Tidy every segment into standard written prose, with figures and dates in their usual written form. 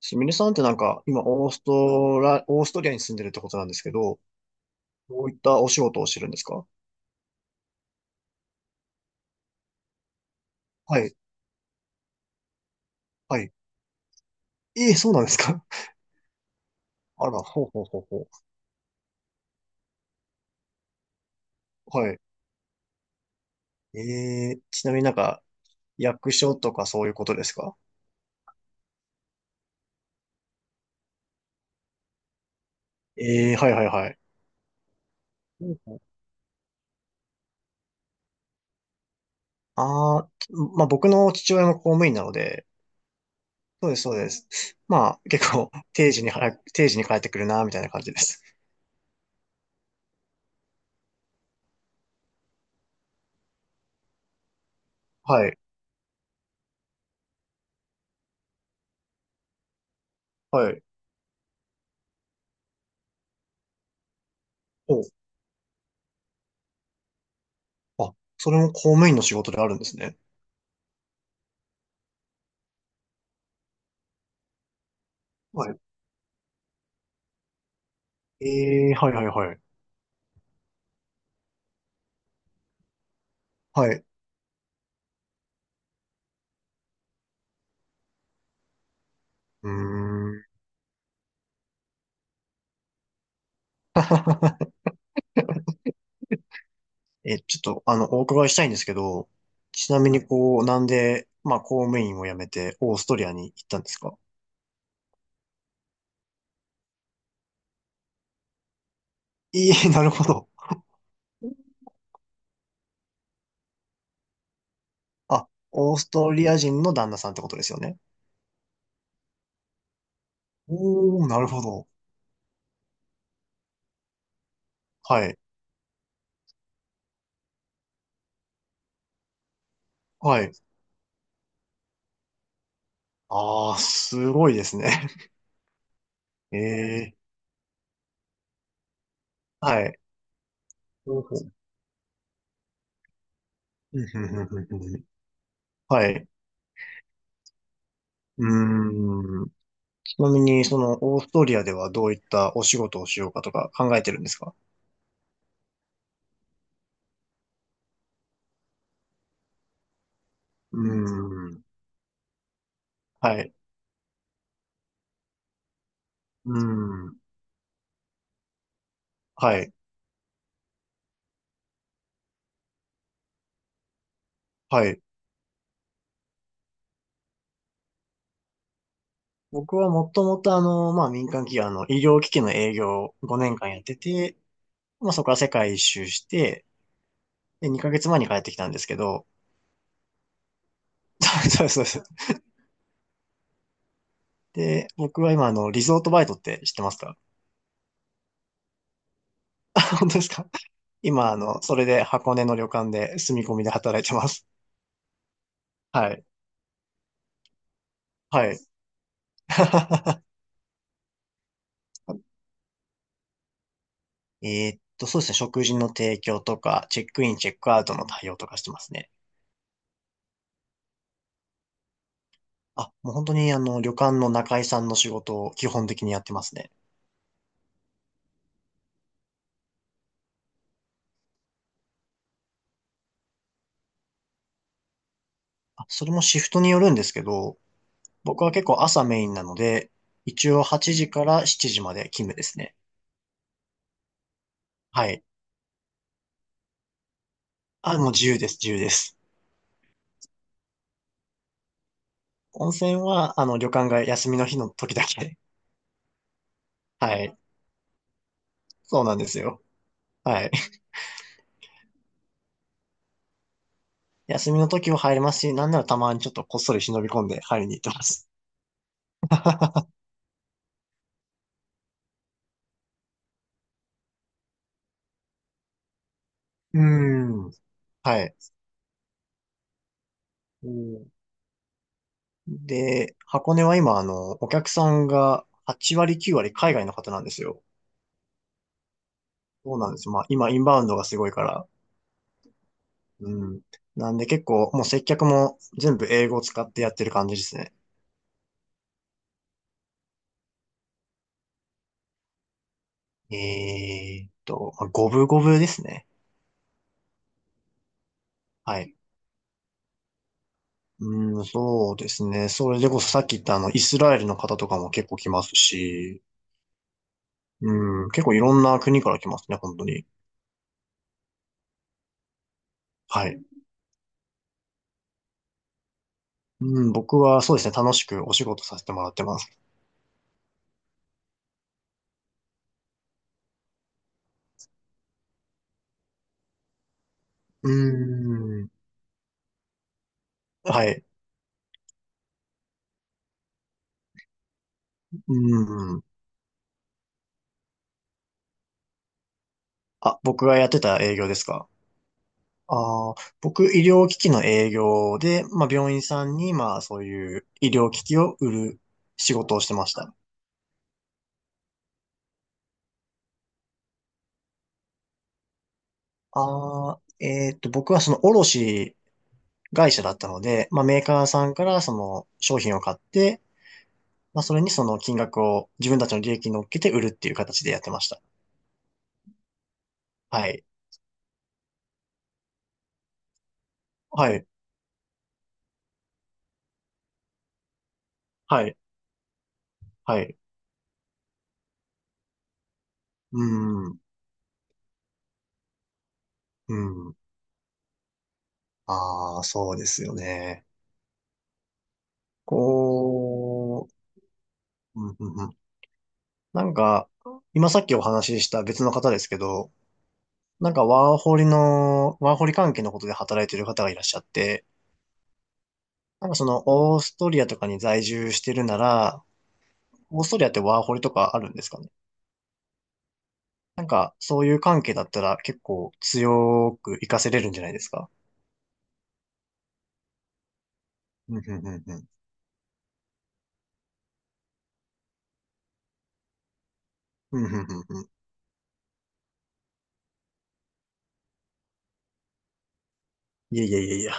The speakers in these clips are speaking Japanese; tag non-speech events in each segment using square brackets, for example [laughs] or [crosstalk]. すみれさんってなんか、今、オーストリアに住んでるってことなんですけど、どういったお仕事をしてるんですか？はい、はい。ええ、そうなんですか？ [laughs] あら、ほうほうほうほう。はい。ええ、ちなみになんか、役所とかそういうことですか？ええ、はいはいはい。ほうほう。ああ、まあ僕の父親も公務員なので、そうです、そうです。まあ、結構、定時に帰ってくるな、みたいな感じです。はい、はい。お、あ、それも公務員の仕事であるんですね。はい。ええ、はいはいはい。はい。うーん。[laughs] え、ちょっと、お伺いしたいんですけど、ちなみにこう、なんで、まあ、公務員を辞めて、オーストリアに行ったんですか？いえ、[laughs] なるほど。あ、オーストリア人の旦那さんってことですよね？おー、なるほど。はい。はい。ああ、すごいですね。[laughs] ええ、はい。ほうほう。うんうんうんうんうん。はい。うーん。ちなみに、その、オーストリアではどういったお仕事をしようかとか考えてるんですか？うーん。はい。うん。はい。はい。僕はもともとまあ民間企業、医療機器の営業を5年間やってて、まあそこから世界一周して、で、2ヶ月前に帰ってきたんですけど、[laughs] そうそうそう。で、僕は今リゾートバイトって知ってますか？ [laughs] 本当ですか？今それで箱根の旅館で住み込みで働いてます。はい。はい。[laughs] そうですね。食事の提供とか、チェックイン、チェックアウトの対応とかしてますね。あ、もう本当に旅館の仲居さんの仕事を基本的にやってますね。あ、それもシフトによるんですけど、僕は結構朝メインなので、一応8時から7時まで勤務ですね。はい。あ、もう自由です、自由です。温泉は、旅館が休みの日の時だけ。[laughs] はい。そうなんですよ。はい。[laughs] 休みの時も入れますし、なんならたまにちょっとこっそり忍び込んで入りに行ってます。うーん。はい。うん。で、箱根は今、お客さんが8割、9割海外の方なんですよ。そうなんですよ。まあ、今、インバウンドがすごいから。うん。なんで結構、もう接客も全部英語を使ってやってる感じですね。まあ五分五分ですね。はい。うん、そうですね。それでこそさっき言ったイスラエルの方とかも結構来ますし、うん、結構いろんな国から来ますね、本当に。はい。うん、僕はそうですね、楽しくお仕事させてもらってます。うん、はい。うん。あ、僕がやってた営業ですか？ああー、僕、医療機器の営業で、まあ、病院さんに、まあ、そういう医療機器を売る仕事をしてました。ああ、僕はその卸会社だったので、まあ、メーカーさんからその商品を買って、まあ、それにその金額を自分たちの利益に乗っけて売るっていう形でやってました。はい。はい。はい。はい。うん。うん。ああ、そうですよね。こうんうん。なんか、今さっきお話しした別の方ですけど、なんかワーホリ関係のことで働いてる方がいらっしゃって、なんかそのオーストリアとかに在住してるなら、オーストリアってワーホリとかあるんですかね？なんかそういう関係だったら結構強く活かせれるんじゃないですか？うんうんうんうん。うんうんうんうん。いやいやいやいや。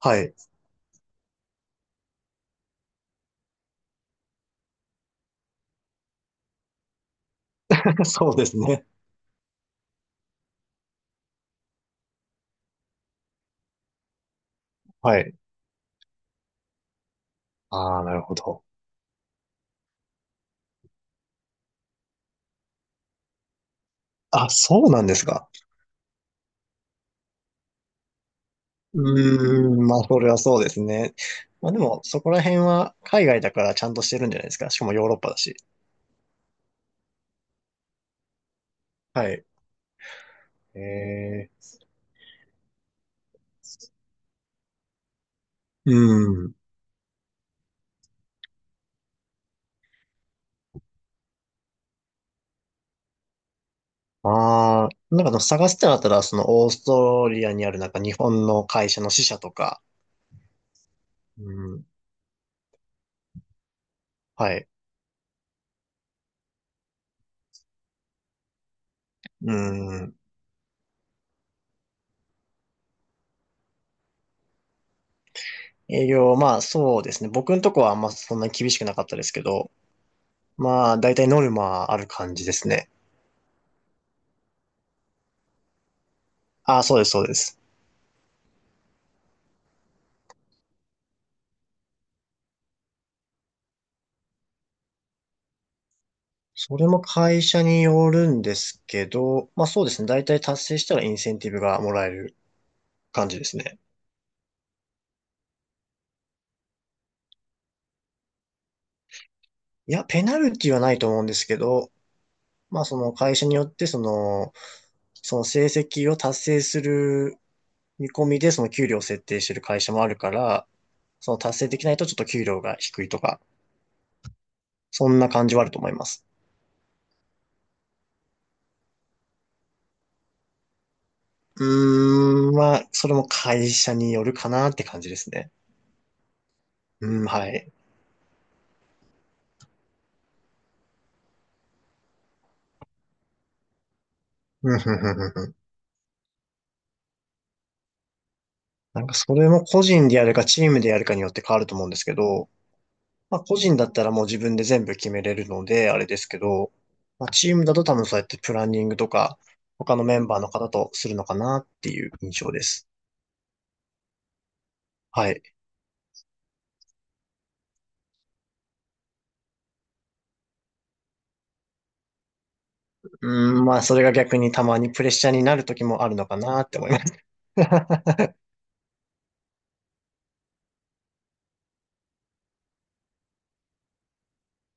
はい。[laughs] そうですね。はい。ああ、なるほど。あ、そうなんですか。うーん、まあ、それはそうですね。まあでも、そこら辺は海外だからちゃんとしてるんじゃないですか。しかもヨーロッパだし。はい。えうん。ああ、なんか探すってなったら、そのオーストリアにあるなんか日本の会社の支社とか、うん。はい。うん。営業、まあそうですね。僕のとこはあんまそんなに厳しくなかったですけど、まあ大体ノルマある感じですね。ああ、そうです、そうです。それも会社によるんですけど、まあそうですね。大体達成したらインセンティブがもらえる感じですね。いや、ペナルティはないと思うんですけど、まあその会社によってその成績を達成する見込みでその給料を設定してる会社もあるから、その達成できないとちょっと給料が低いとか、そんな感じはあると思います。うーん、まあ、それも会社によるかなって感じですね。うん、はい。[laughs] なんかそれも個人でやるかチームでやるかによって変わると思うんですけど、まあ個人だったらもう自分で全部決めれるので、あれですけど、まあチームだと多分そうやってプランニングとか、他のメンバーの方とするのかなっていう印象です。はい。うーん、まあそれが逆にたまにプレッシャーになる時もあるのかなって思います。[laughs]